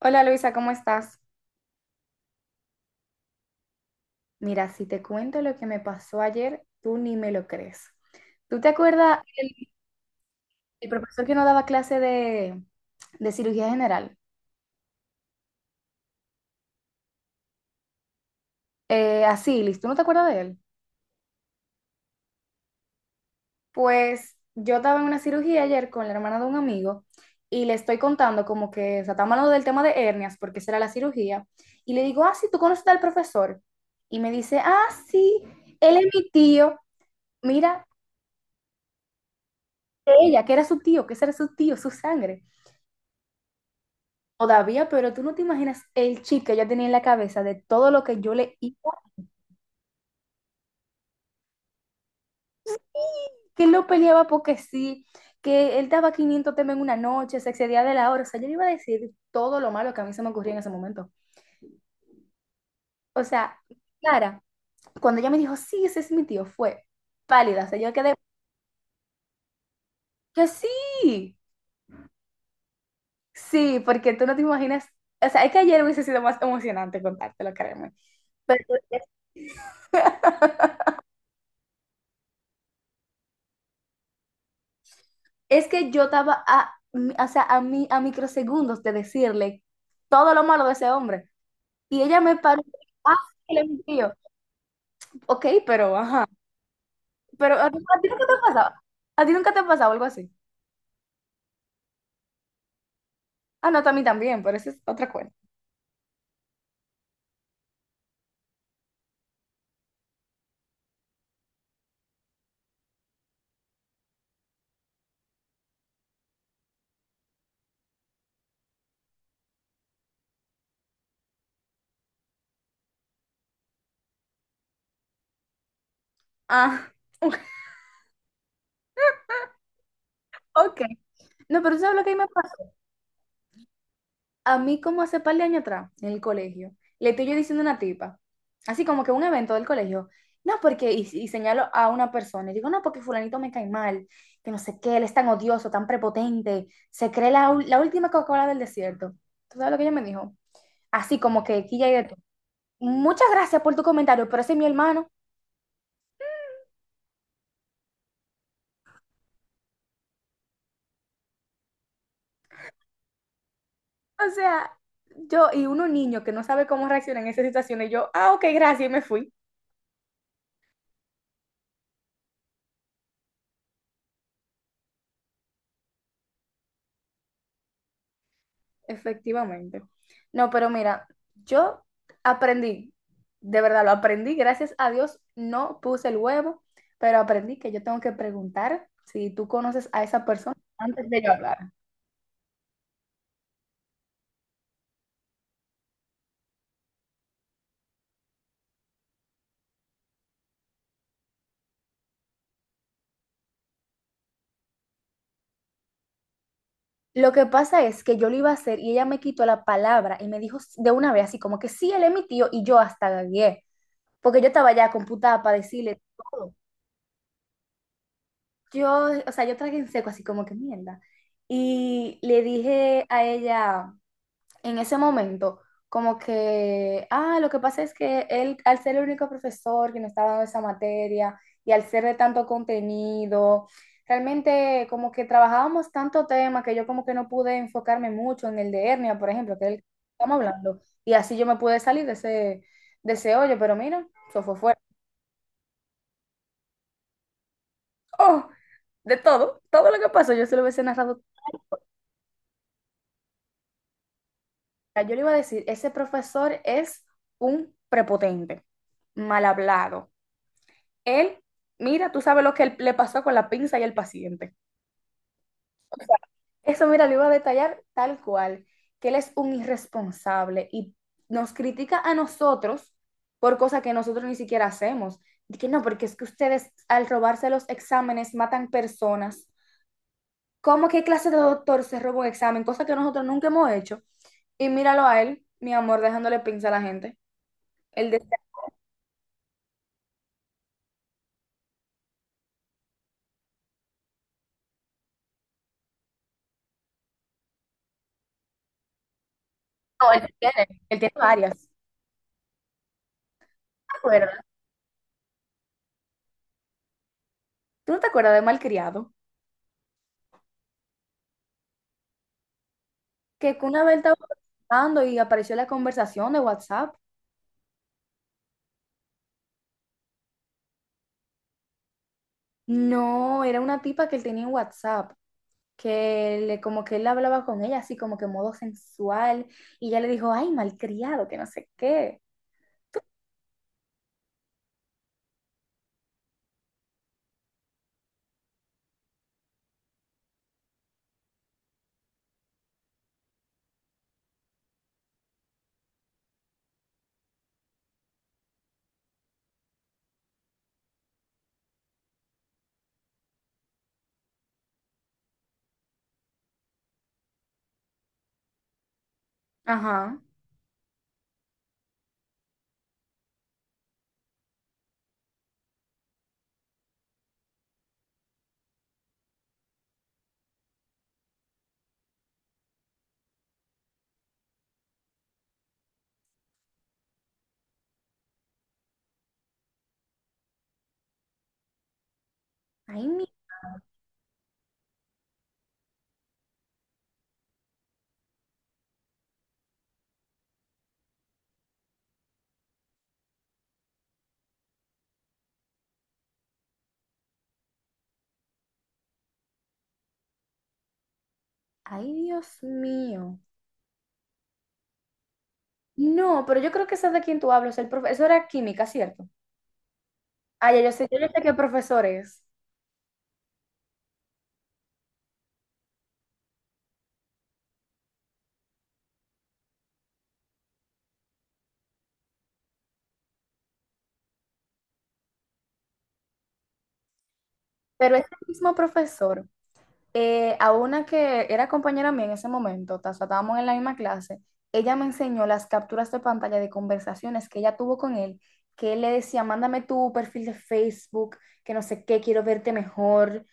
Hola Luisa, ¿cómo estás? Mira, si te cuento lo que me pasó ayer, tú ni me lo crees. ¿Tú te acuerdas el profesor que nos daba clase de cirugía general? Asilis, ¿tú no te acuerdas de él? Pues yo estaba en una cirugía ayer con la hermana de un amigo y le estoy contando como que, o sea, estamos hablando del tema de hernias porque esa era la cirugía. Y le digo, ah, sí, ¿tú conoces al profesor? Y me dice, ah, sí, él es mi tío. Mira, ella, que era su tío, que ese era su tío, su sangre. Todavía, pero tú no te imaginas el chip que ella tenía en la cabeza de todo lo que yo le hice, que él no peleaba porque sí, que él daba 500 temas en una noche, se excedía de la hora. O sea, yo le iba a decir todo lo malo que a mí se me ocurría en ese momento. O sea, Clara, cuando ella me dijo, sí, ese es mi tío, fue pálida. O sea, yo quedé, que sí, sí, porque tú no te imaginas. O sea, es que ayer hubiese sido más emocionante contártelo, créeme. Pero es que yo estaba o sea, a microsegundos de decirle todo lo malo de ese hombre. Y ella me paró. Ah, que le mentí yo. Ok, pero ajá. Pero a ti nunca te ha pasado? ¿A ti nunca te ha pasado algo así? Ah, no, a mí también, pero eso es otra cuenta. Ah, ok. No, pero ¿tú sabes lo que a mí me pasó? A mí como hace par de años atrás, en el colegio, le estoy yo diciendo a una tipa, así como que un evento del colegio, no, y señalo a una persona, y digo, no, porque fulanito me cae mal, que no sé qué, él es tan odioso, tan prepotente, se cree la última Coca-Cola del desierto. ¿Tú sabes lo que ella me dijo? Así como que aquí ya hay de todo. Muchas gracias por tu comentario, pero ese es mi hermano. O sea, yo y uno niño que no sabe cómo reaccionar en esas situaciones, yo, ah, ok, gracias, y me fui. Efectivamente. No, pero mira, yo aprendí, de verdad lo aprendí, gracias a Dios no puse el huevo, pero aprendí que yo tengo que preguntar si tú conoces a esa persona antes de yo hablar. Lo que pasa es que yo lo iba a hacer y ella me quitó la palabra y me dijo de una vez así como que sí, él es mi tío y yo hasta gagué, porque yo estaba ya computada para decirle todo. Yo, o sea, yo tragué en seco así como que mierda. Y le dije a ella, en ese momento, como que, ah, lo que pasa es que él, al ser el único profesor que nos estaba dando esa materia y al ser de tanto contenido, realmente como que trabajábamos tanto tema que yo como que no pude enfocarme mucho en el de hernia, por ejemplo, que es el que estamos hablando, y así yo me pude salir de ese hoyo, pero mira, eso fue fuerte. ¡Oh! De todo, todo lo que pasó, yo se lo hubiese narrado. Yo le iba a decir, ese profesor es un prepotente, mal hablado. Él, mira, tú sabes lo que le pasó con la pinza y el paciente. Eso, mira, lo iba a detallar tal cual, que él es un irresponsable y nos critica a nosotros por cosas que nosotros ni siquiera hacemos. Y que no, porque es que ustedes al robarse los exámenes matan personas. ¿Cómo qué clase de doctor se roba un examen? Cosa que nosotros nunca hemos hecho. Y míralo a él, mi amor, dejándole pinza a la gente. Él de- No, él tiene varias. ¿Tú no te acuerdas? ¿Tú no te acuerdas de Malcriado, que una vez estaba hablando y apareció la conversación de WhatsApp? No, era una tipa que él tenía en WhatsApp, que le, como que él hablaba con ella así como que en modo sensual y ella le dijo, ay, malcriado, que no sé qué. Ajá. Ay, mi, ay, Dios mío. No, pero yo creo que esa de quien tú hablas, el profesor era química, ¿cierto? Ay, ya yo sé, yo ya sé qué profesor es, pero es el mismo profesor. A una que era compañera mía en ese momento, o sea, estábamos en la misma clase, ella me enseñó las capturas de pantalla de conversaciones que ella tuvo con él, que él le decía, mándame tu perfil de Facebook, que no sé qué, quiero verte mejor,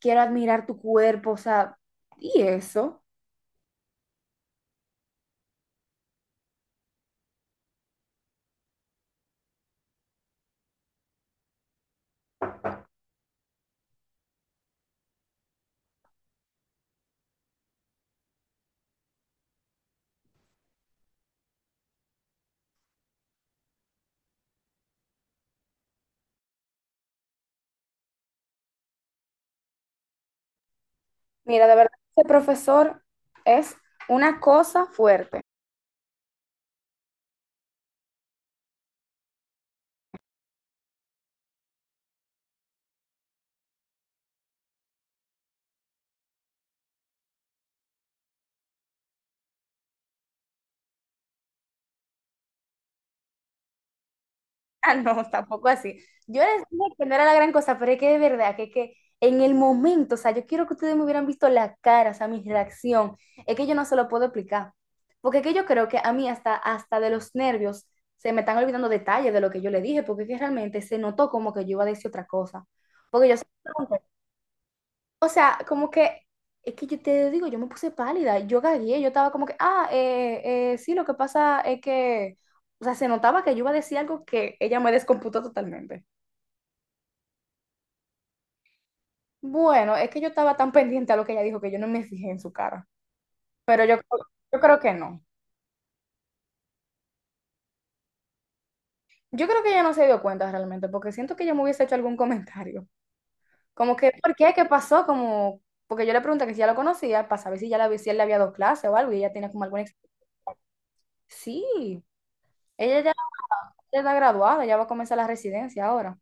quiero admirar tu cuerpo, o sea, y eso. Mira, de verdad, ese profesor es una cosa fuerte. Ah, no, tampoco así. Yo les dije que no era la gran cosa, pero es que de verdad, que en el momento, o sea, yo quiero que ustedes me hubieran visto la cara, o sea, mi reacción. Es que yo no se lo puedo explicar. Porque es que yo creo que a mí hasta de los nervios se me están olvidando detalles de lo que yo le dije, porque es que realmente se notó como que yo iba a decir otra cosa. Porque yo se lo pregunté, o sea, como que, es que yo te digo, yo me puse pálida, yo gagué, yo estaba como que, sí, lo que pasa es que, o sea, se notaba que yo iba a decir algo que ella me descomputó totalmente. Bueno, es que yo estaba tan pendiente a lo que ella dijo que yo no me fijé en su cara, pero yo creo que no. Yo creo que ella no se dio cuenta realmente, porque siento que ella me hubiese hecho algún comentario. Como que, ¿por qué? ¿Qué pasó? Como, porque yo le pregunté que si ya lo conocía, para saber si ya si él le había dado clase o algo, y ella tenía como alguna... Sí, ella ya ya está graduada, ya va a comenzar la residencia ahora.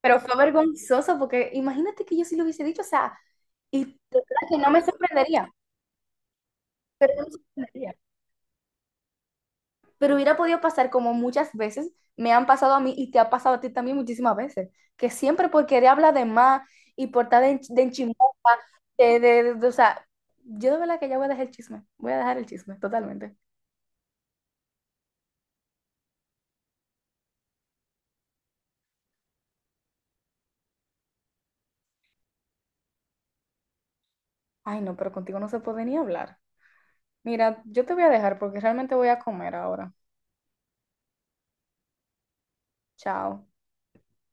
Pero fue vergonzoso porque imagínate que yo sí lo hubiese dicho, o sea, y de verdad que no me sorprendería, pero no me sorprendería. Pero hubiera podido pasar como muchas veces me han pasado a mí y te ha pasado a ti también muchísimas veces, que siempre por querer hablar de más y por estar de enchimosa, o sea, yo de verdad que ya voy a dejar el chisme, voy a dejar el chisme totalmente. Ay, no, pero contigo no se puede ni hablar. Mira, yo te voy a dejar porque realmente voy a comer ahora. Chao.